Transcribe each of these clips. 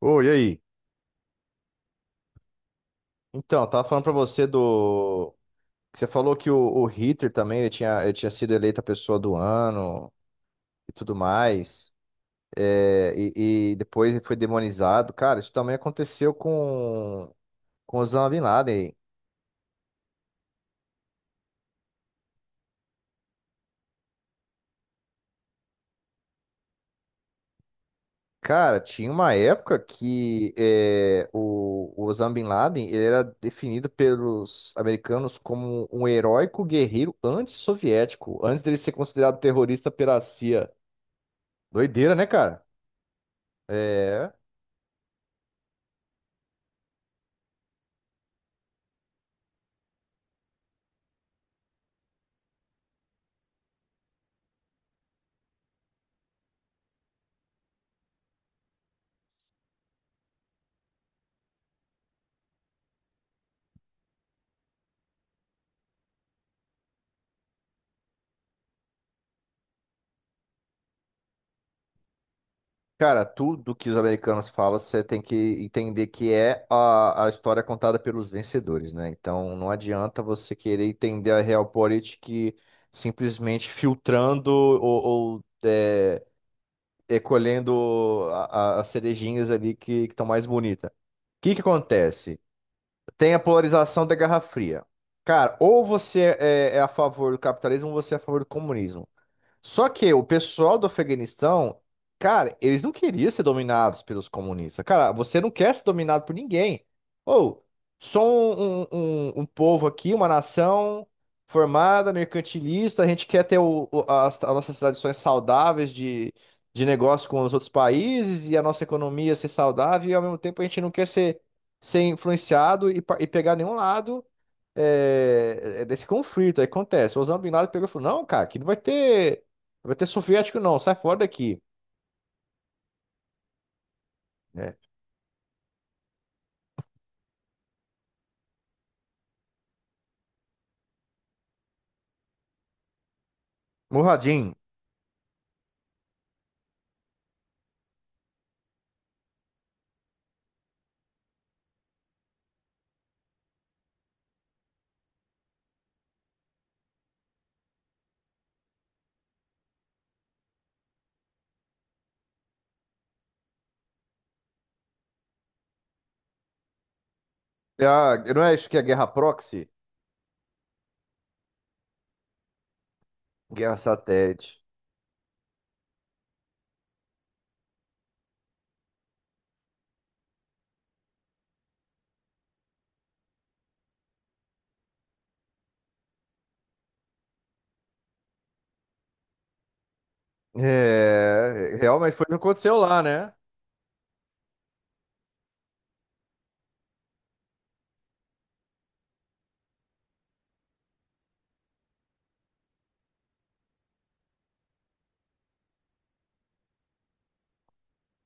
Oi, e aí? Então, eu tava falando pra você do que Você falou que o Hitler também ele tinha sido eleito a pessoa do ano e tudo mais. E depois ele foi demonizado. Cara, isso também aconteceu com Osama Bin Laden. Cara, tinha uma época que o Osama Bin Laden ele era definido pelos americanos como um heróico guerreiro antissoviético, antes dele ser considerado terrorista pela CIA. Doideira, né, cara? É. Cara, tudo que os americanos falam, você tem que entender que é a história contada pelos vencedores, né? Então não adianta você querer entender a Realpolitik simplesmente filtrando ou, é, recolhendo as cerejinhas ali que estão mais bonitas. O que que acontece? Tem a polarização da Guerra Fria. Cara, ou você é a favor do capitalismo ou você é a favor do comunismo. Só que o pessoal do Afeganistão, cara, eles não queriam ser dominados pelos comunistas. Cara, você não quer ser dominado por ninguém. Ou, Só um povo aqui, uma nação formada, mercantilista, a gente quer ter as nossas tradições saudáveis de negócio com os outros países e a nossa economia ser saudável e ao mesmo tempo a gente não quer ser influenciado e, e pegar nenhum lado é desse conflito. Aí acontece. O Osama Bin Laden pegou e falou: Não, cara, aqui não vai ter soviético, não. Sai fora daqui. É. Murradinho. É não é isso que é guerra proxy? Guerra satélite. É, realmente foi o que aconteceu lá, né?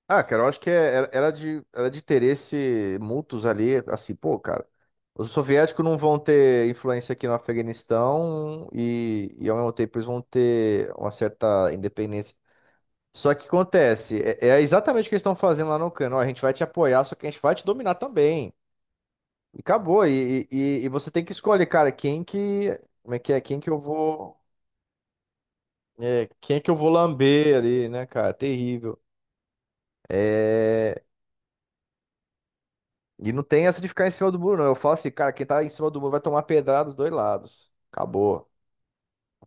Ah, cara, eu acho que era de interesse mútuos ali, assim, pô, cara, os soviéticos não vão ter influência aqui no Afeganistão e ao mesmo tempo eles vão ter uma certa independência. Só que acontece, é exatamente o que eles estão fazendo lá no Cano. Ó, a gente vai te apoiar, só que a gente vai te dominar também. E acabou. E você tem que escolher, cara, quem que. Como é que é? Quem que eu vou. Quem que eu vou lamber ali, né, cara? Terrível. É, e não tem essa de ficar em cima do muro, não. Eu falo assim, cara, quem tá em cima do muro vai tomar pedrada dos dois lados. Acabou.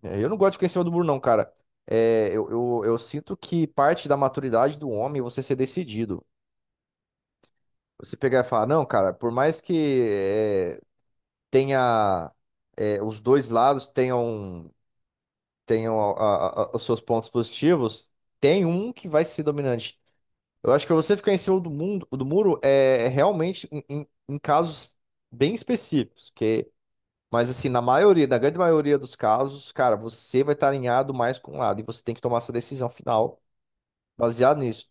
É, eu não gosto de ficar em cima do muro, não, cara. É, eu sinto que parte da maturidade do homem é você ser decidido. Você pegar e falar, não, cara, por mais que é, tenha os dois lados tenham a- os seus pontos positivos, tem um que vai ser dominante. Eu acho que você ficar em cima do mundo, do muro é realmente em casos bem específicos, que, mas assim, na maioria, na grande maioria dos casos, cara, você vai estar alinhado mais com um lado e você tem que tomar essa decisão final baseada nisso.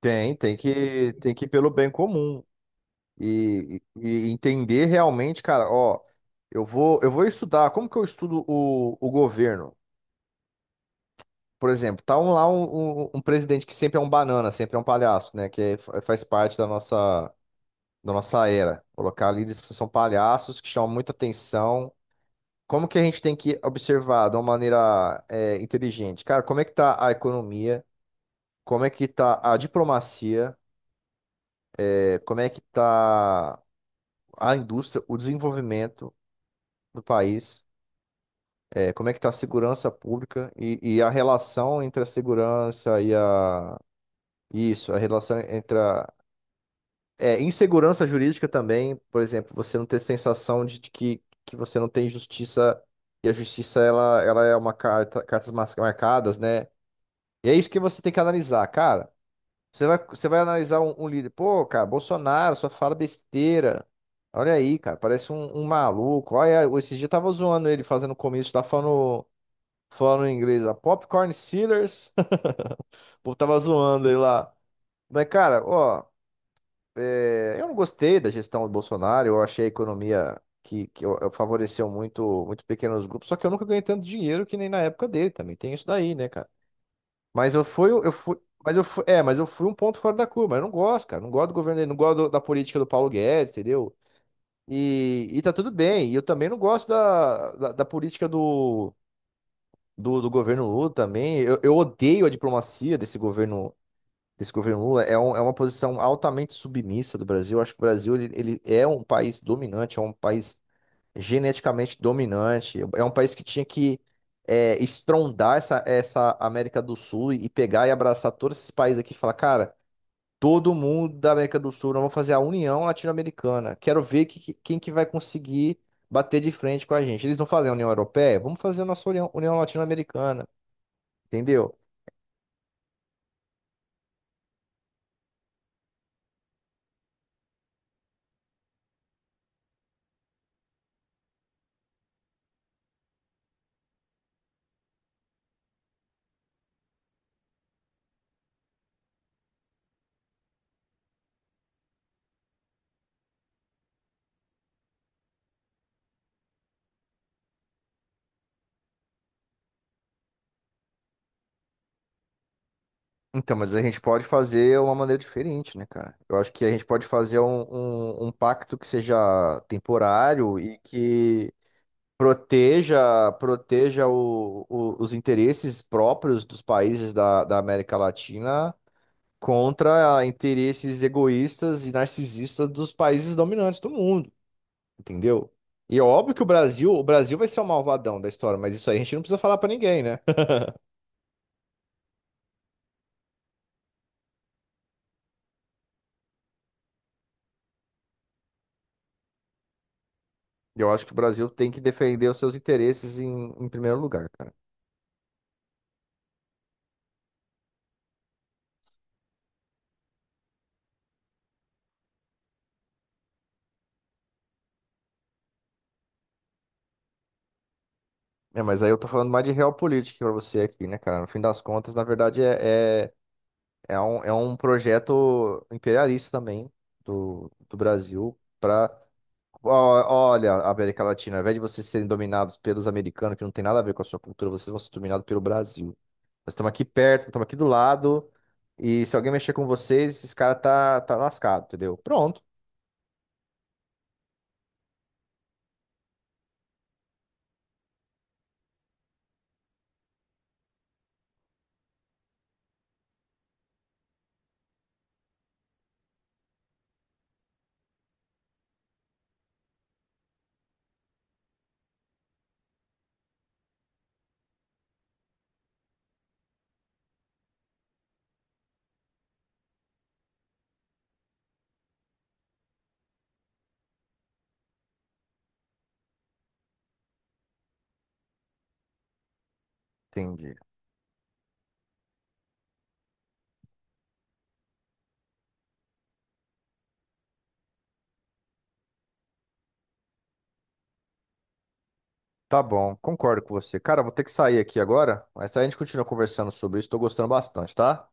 Tem, tem que ir pelo bem comum. E entender realmente, cara, ó, eu vou estudar, como que eu estudo o governo? Por exemplo, tá lá um presidente que sempre é um banana, sempre é um palhaço, né? Faz parte da nossa era. Colocar líderes que são palhaços, que chamam muita atenção. Como que a gente tem que observar de uma maneira inteligente? Cara, como é que tá a economia? Como é que tá a diplomacia? É, como é que tá a indústria, o desenvolvimento do país? É como é que está a segurança pública e a relação entre a segurança e a... Isso, a relação entre a... É, insegurança jurídica também, por exemplo, você não ter sensação que você não tem justiça e a justiça, ela é uma marcadas, né? E é isso que você tem que analisar, cara. Você vai analisar um líder, pô, cara, Bolsonaro só fala besteira. Olha aí, cara, parece um maluco. Olha, esses dias eu tava zoando ele fazendo comício, tá falando em inglês a Popcorn Sealers, o povo tava zoando ele lá. Mas, cara, ó, eu não gostei da gestão do Bolsonaro, eu achei a economia eu favoreceu muito, muito pequenos grupos, só que eu nunca ganhei tanto dinheiro que nem na época dele, também tem isso daí, né, cara? Mas eu fui, mas eu fui, é, mas eu fui um ponto fora da curva, eu não gosto, cara, não gosto do governo dele, não gosto da política do Paulo Guedes, entendeu? E tá tudo bem, e eu também não gosto da política do governo Lula também. Eu odeio a diplomacia desse governo Lula é uma posição altamente submissa do Brasil. Eu acho que o Brasil ele é um país dominante, é um país geneticamente dominante, é um país que tinha que estrondar essa América do Sul e pegar e abraçar todos esses países aqui e falar, cara, todo mundo da América do Sul, nós vamos fazer a União Latino-Americana. Quero ver quem que vai conseguir bater de frente com a gente. Eles não fazem a União Europeia? Vamos fazer a nossa União, União Latino-Americana, entendeu? Então, mas a gente pode fazer uma maneira diferente, né, cara? Eu acho que a gente pode fazer um pacto que seja temporário e que proteja, proteja os interesses próprios dos países da América Latina contra interesses egoístas e narcisistas dos países dominantes do mundo, entendeu? E é óbvio que o Brasil vai ser o malvadão da história, mas isso aí a gente não precisa falar pra ninguém, né? Eu acho que o Brasil tem que defender os seus interesses em primeiro lugar, cara. É, mas aí eu tô falando mais de realpolitik pra você aqui, né, cara? No fim das contas, na verdade, é um projeto imperialista também do Brasil para... Olha, América Latina, ao invés de vocês serem dominados pelos americanos, que não tem nada a ver com a sua cultura, vocês vão ser dominados pelo Brasil. Nós estamos aqui perto, estamos aqui do lado, e se alguém mexer com vocês, esses caras tá lascado, entendeu? Pronto, entendi. Tá bom, concordo com você. Cara, eu vou ter que sair aqui agora, mas aí a gente continua conversando sobre isso, tô gostando bastante, tá?